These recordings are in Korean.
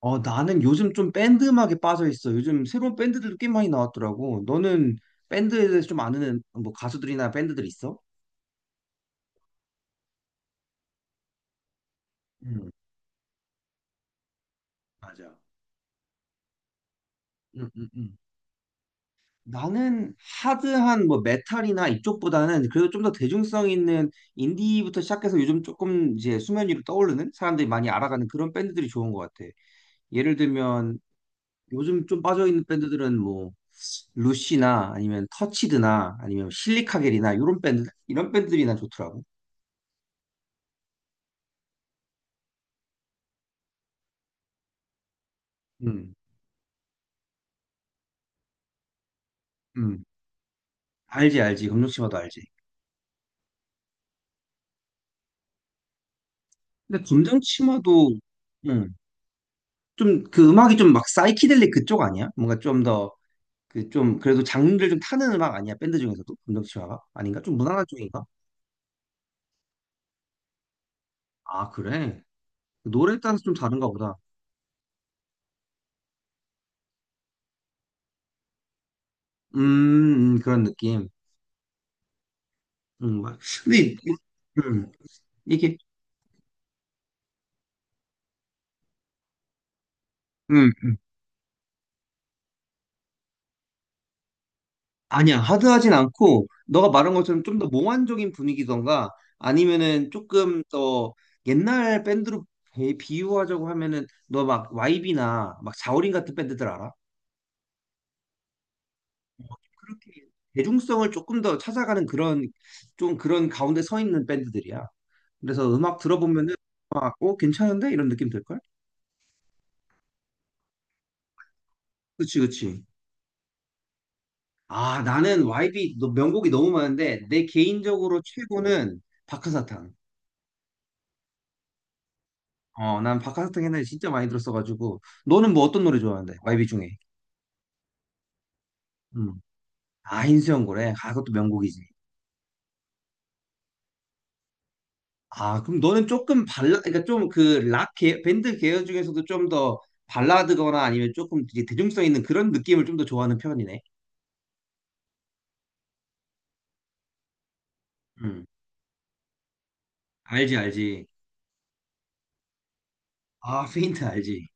어, 나는 요즘 좀 밴드 음악에 빠져 있어. 요즘 새로운 밴드들도 꽤 많이 나왔더라고. 너는 밴드에 대해서 좀 아는 뭐 가수들이나 밴드들 있어? 음, 맞아. 음, 음, 음. 나는 하드한 뭐 메탈이나 이쪽보다는 그래도 좀 더 대중성 있는 인디부터 시작해서 요즘 조금 이제 수면 위로 떠오르는 사람들이 많이 알아가는 그런 밴드들이 좋은 것 같아. 예를 들면 요즘 좀 빠져 있는 밴드들은 뭐 루시나 아니면 터치드나 아니면 실리카겔이나 이런 밴드들이 난 좋더라고. 음, 알지, 알지. 검정 치마도 알지. 근데 검정 치마도, 음, 좀, 그 음악이 좀 막 사이키델릭 그쪽 아니야? 뭔가 좀 더, 그 좀, 그래도 장르를 좀 타는 음악 아니야? 밴드 중에서도? 검정 치마가? 아닌가? 좀 무난한 쪽인가? 아, 그래? 노래에 따라서 좀 다른가 보다. 그런 느낌. 음, 막- 근데, 이- 음, 이게, 음, 아니야, 하드하진 않고, 너가 말한 것처럼 좀 더 몽환적인 분위기던가, 아니면은 조금 더 옛날 밴드로 비유하자고 하면은, 너 막 YB나 막 자우림 같은 밴드들 알아? 그렇게 대중성을 조금 더 찾아가는 그런, 좀 그런 가운데 서 있는 밴드들이야. 그래서 음악 들어보면은, 막, 어, 괜찮은데? 이런 느낌 들걸? 그치, 그치. 아, 나는 YB 명곡이 너무 많은데, 내 개인적으로 최고는 박하사탕. 어, 난 박하사탕 옛날에 진짜 많이 들었어가지고. 너는 뭐 어떤 노래 좋아하는데? 마이비 중에. 음. 아, 흰수염 고래. 아, 그것도 명곡이지. 아, 그럼 너는 조금 발라, 그러니까 좀 그 락 밴드 계열 중에서도 좀 더 발라드거나 아니면 조금 이제 대중성 있는 그런 느낌을 좀 더 좋아하는 편이네. 음. 알지, 알지. 아, 페인트 알지.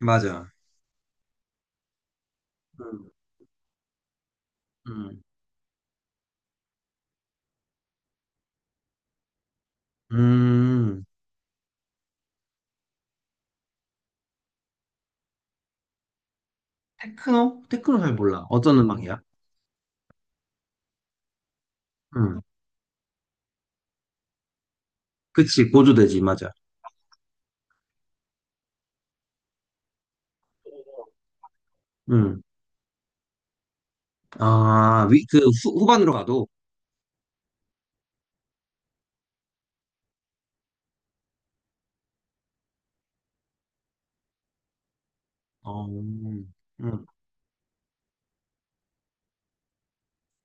맞아. 음. 음. 음. 테크노? 테크노 잘 몰라. 어떤 음악이야? 음. 그치, 고조되지, 맞아. 음. 아, 위, 그 후, 후반으로 가도. 어, 음,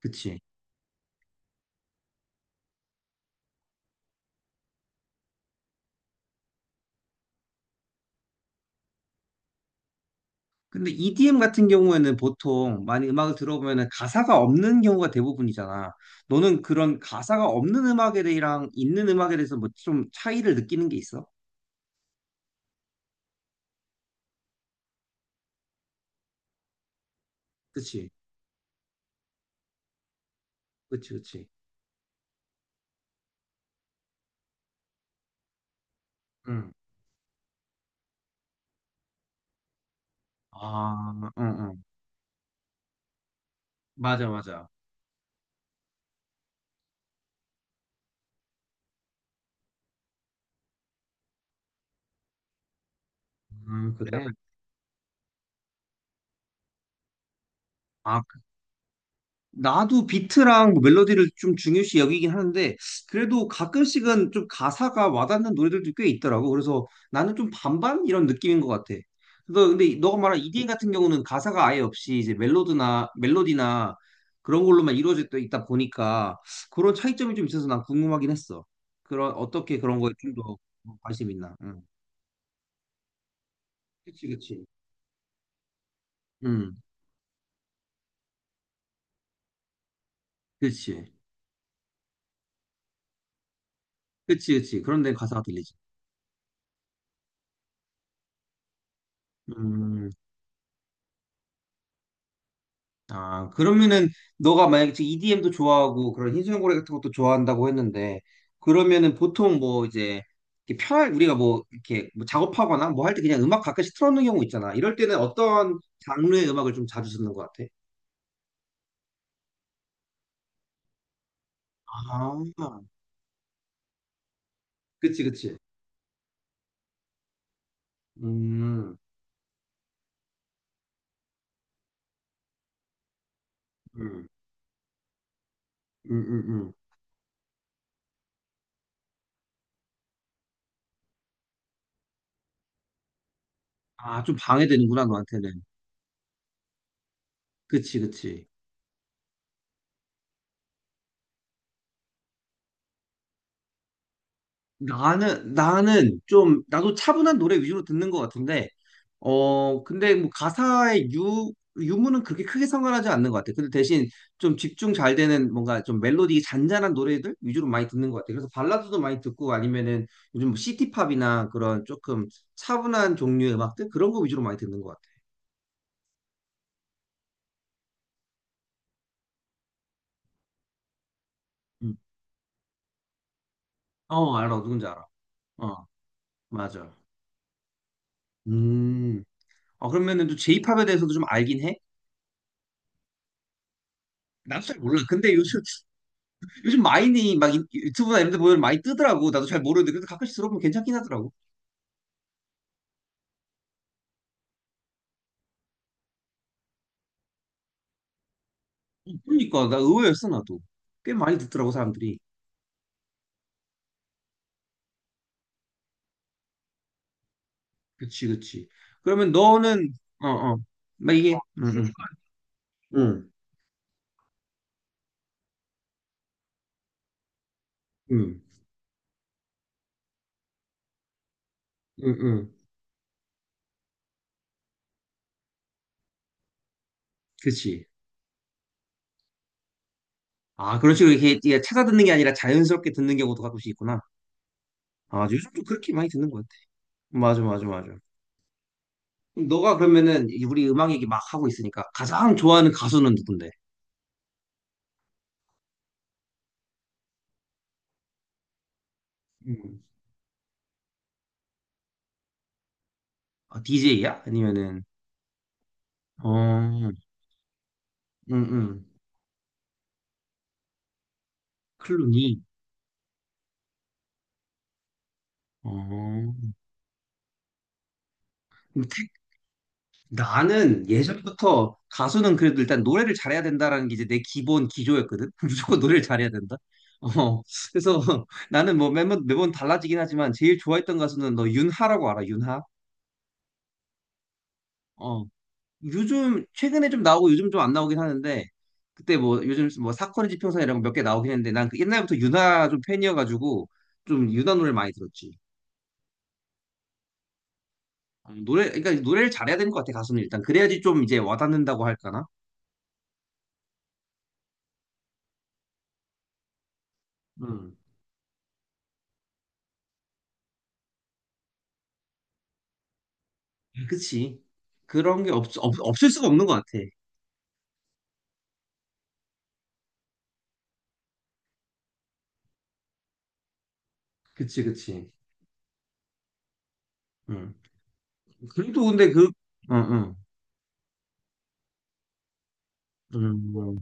그치. 근데 EDM 같은 경우에는 보통 많이 음악을 들어보면은 가사가 없는 경우가 대부분이잖아. 너는 그런 가사가 없는 음악에 대해랑 있는 음악에 대해서 뭐 좀 차이를 느끼는 게 있어? 그치, 그치, 그치. 응. 아, 응, 응. 맞아, 맞아. 그래? 아, 나도 비트랑 뭐 멜로디를 좀 중요시 여기긴 하는데 그래도 가끔씩은 좀 가사가 와닿는 노래들도 꽤 있더라고. 그래서 나는 좀 반반 이런 느낌인 것 같아. 그래서 근데 너가 말한 EDM 같은 경우는 가사가 아예 없이 이제 멜로드나 멜로디나 그런 걸로만 이루어져 있다 보니까 그런 차이점이 좀 있어서 난 궁금하긴 했어. 그런 어떻게 그런 거에 좀 더 관심 있나? 응. 그치 그치. 응. 그치. 그치 그치. 그런 데 가사가 들리지. 음. 아, 그러면은 너가 만약에 지금 EDM도 좋아하고 그런 흰수염고래 같은 것도 좋아한다고 했는데 그러면은 보통 뭐 이제 이렇게 편할 우리가 뭐 이렇게 뭐 작업하거나 뭐 할 때 그냥 음악 가끔씩 틀어놓는 경우 있잖아. 이럴 때는 어떤 장르의 음악을 좀 자주 듣는 것 같아? 아, 그치, 그치. 음, 음, 음, 음, 음. 아, 좀 방해되는구나, 너한테는. 그치, 그치. 나는 좀, 나도 차분한 노래 위주로 듣는 것 같은데, 어, 근데 뭐 가사의 유무는 그렇게 크게 상관하지 않는 것 같아. 근데 대신 좀 집중 잘 되는 뭔가 좀 멜로디 잔잔한 노래들 위주로 많이 듣는 것 같아. 그래서 발라드도 많이 듣고 아니면은 요즘 뭐 시티팝이나 그런 조금 차분한 종류의 음악들 그런 거 위주로 많이 듣는 것 같아. 음. 어, 알아. 누군지 알아. 어, 맞아. 음. 어, 그러면은 또이팝에 대해서도 좀 알긴 해? 나도 잘 몰라. 근데 요즘 마인이 막 유튜브나 이런 데 보면 많이 뜨더라고. 나도 잘 모르는데 그래도 가끔씩 들어보면 괜찮긴 하더라고. 그러니까 나 의외였어 나도. 꽤 많이 듣더라고 사람들이. 그치 그치. 그러면 너는 어어 막 이게 응응 응응 응응 그치. 아, 그런 식으로 이렇게 이게 찾아 듣는 게 아니라 자연스럽게 듣는 경우도 가끔씩 있구나. 아, 요즘도 그렇게 많이 듣는 것 같아. 맞아 맞아 맞아. 그럼 너가 그러면은 이- 우리 음악 얘기 막 하고 있으니까 가장 좋아하는 가수는 누군데? 음. 아, DJ야? 아니면은 어, 응, 응. 클루니. 어. 그럼 태- 나는 예전부터 가수는 그래도 일단 노래를 잘해야 된다라는 게 이제 내 기본 기조였거든. 무조건 노래를 잘해야 된다. 어. 그래서 나는 뭐 매번 매번 달라지긴 하지만 제일 좋아했던 가수는 너 윤하라고 알아? 윤하? 어. 요즘 최근에 좀 나오고 요즘 좀 안 나오긴 하는데 그때 뭐 요즘 뭐 사건의 지평선 이런 거 몇 개 나오긴 했는데 난그 옛날부터 윤하 좀 팬이어가지고 좀 윤하 노래 를 많이 들었지. 어, 노래, 그러니까 노래를 잘해야 되는 것 같아, 가수는 일단. 그래야지 좀 이제 와닿는다고 할까나? 음, 그치. 그런 게 없을 수가 없는 것 같아. 그치, 그치. 음. 그래도 근데 그, 응, 응. 음,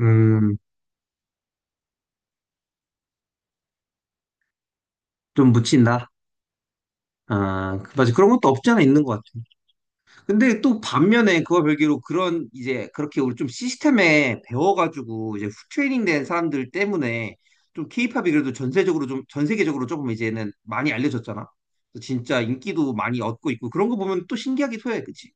음, 좀 묻힌다. 아, 맞아. 그런 것도 없지 않아 있는 것 같아. 근데 또 반면에 그와 별개로 그런 이제 그렇게 우리 좀 시스템에 배워가지고 이제 트레이닝 된 사람들 때문에 좀 케이팝이 그래도 전세적으로 좀, 전 세계적으로 조금 이제는 많이 알려졌잖아. 그래서 진짜 인기도 많이 얻고 있고 그런 거 보면 또 신기하기도 해. 그치?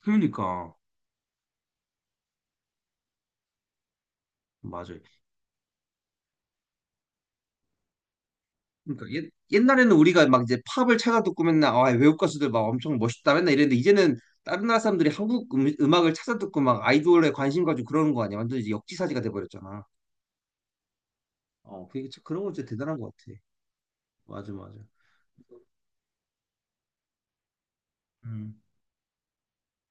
그러니까. 맞아요. 그러니까 옛, 옛날에는 우리가 막 이제 팝을 찾아 듣고 맨날 아, 외국 가수들 막 엄청 멋있다 맨날 이랬는데 이제는 다른 나라 사람들이 한국 악을 찾아 듣고 막 아이돌에 관심 가지고 그러는 거 아니야? 완전 이제 역지사지가 돼버렸잖아. 어, 그게 그런 거 진짜 대단한 것 같아. 맞아, 맞아. 음.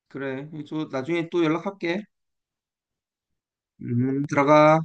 그래, 저 나중에 또 연락할게. 들어가.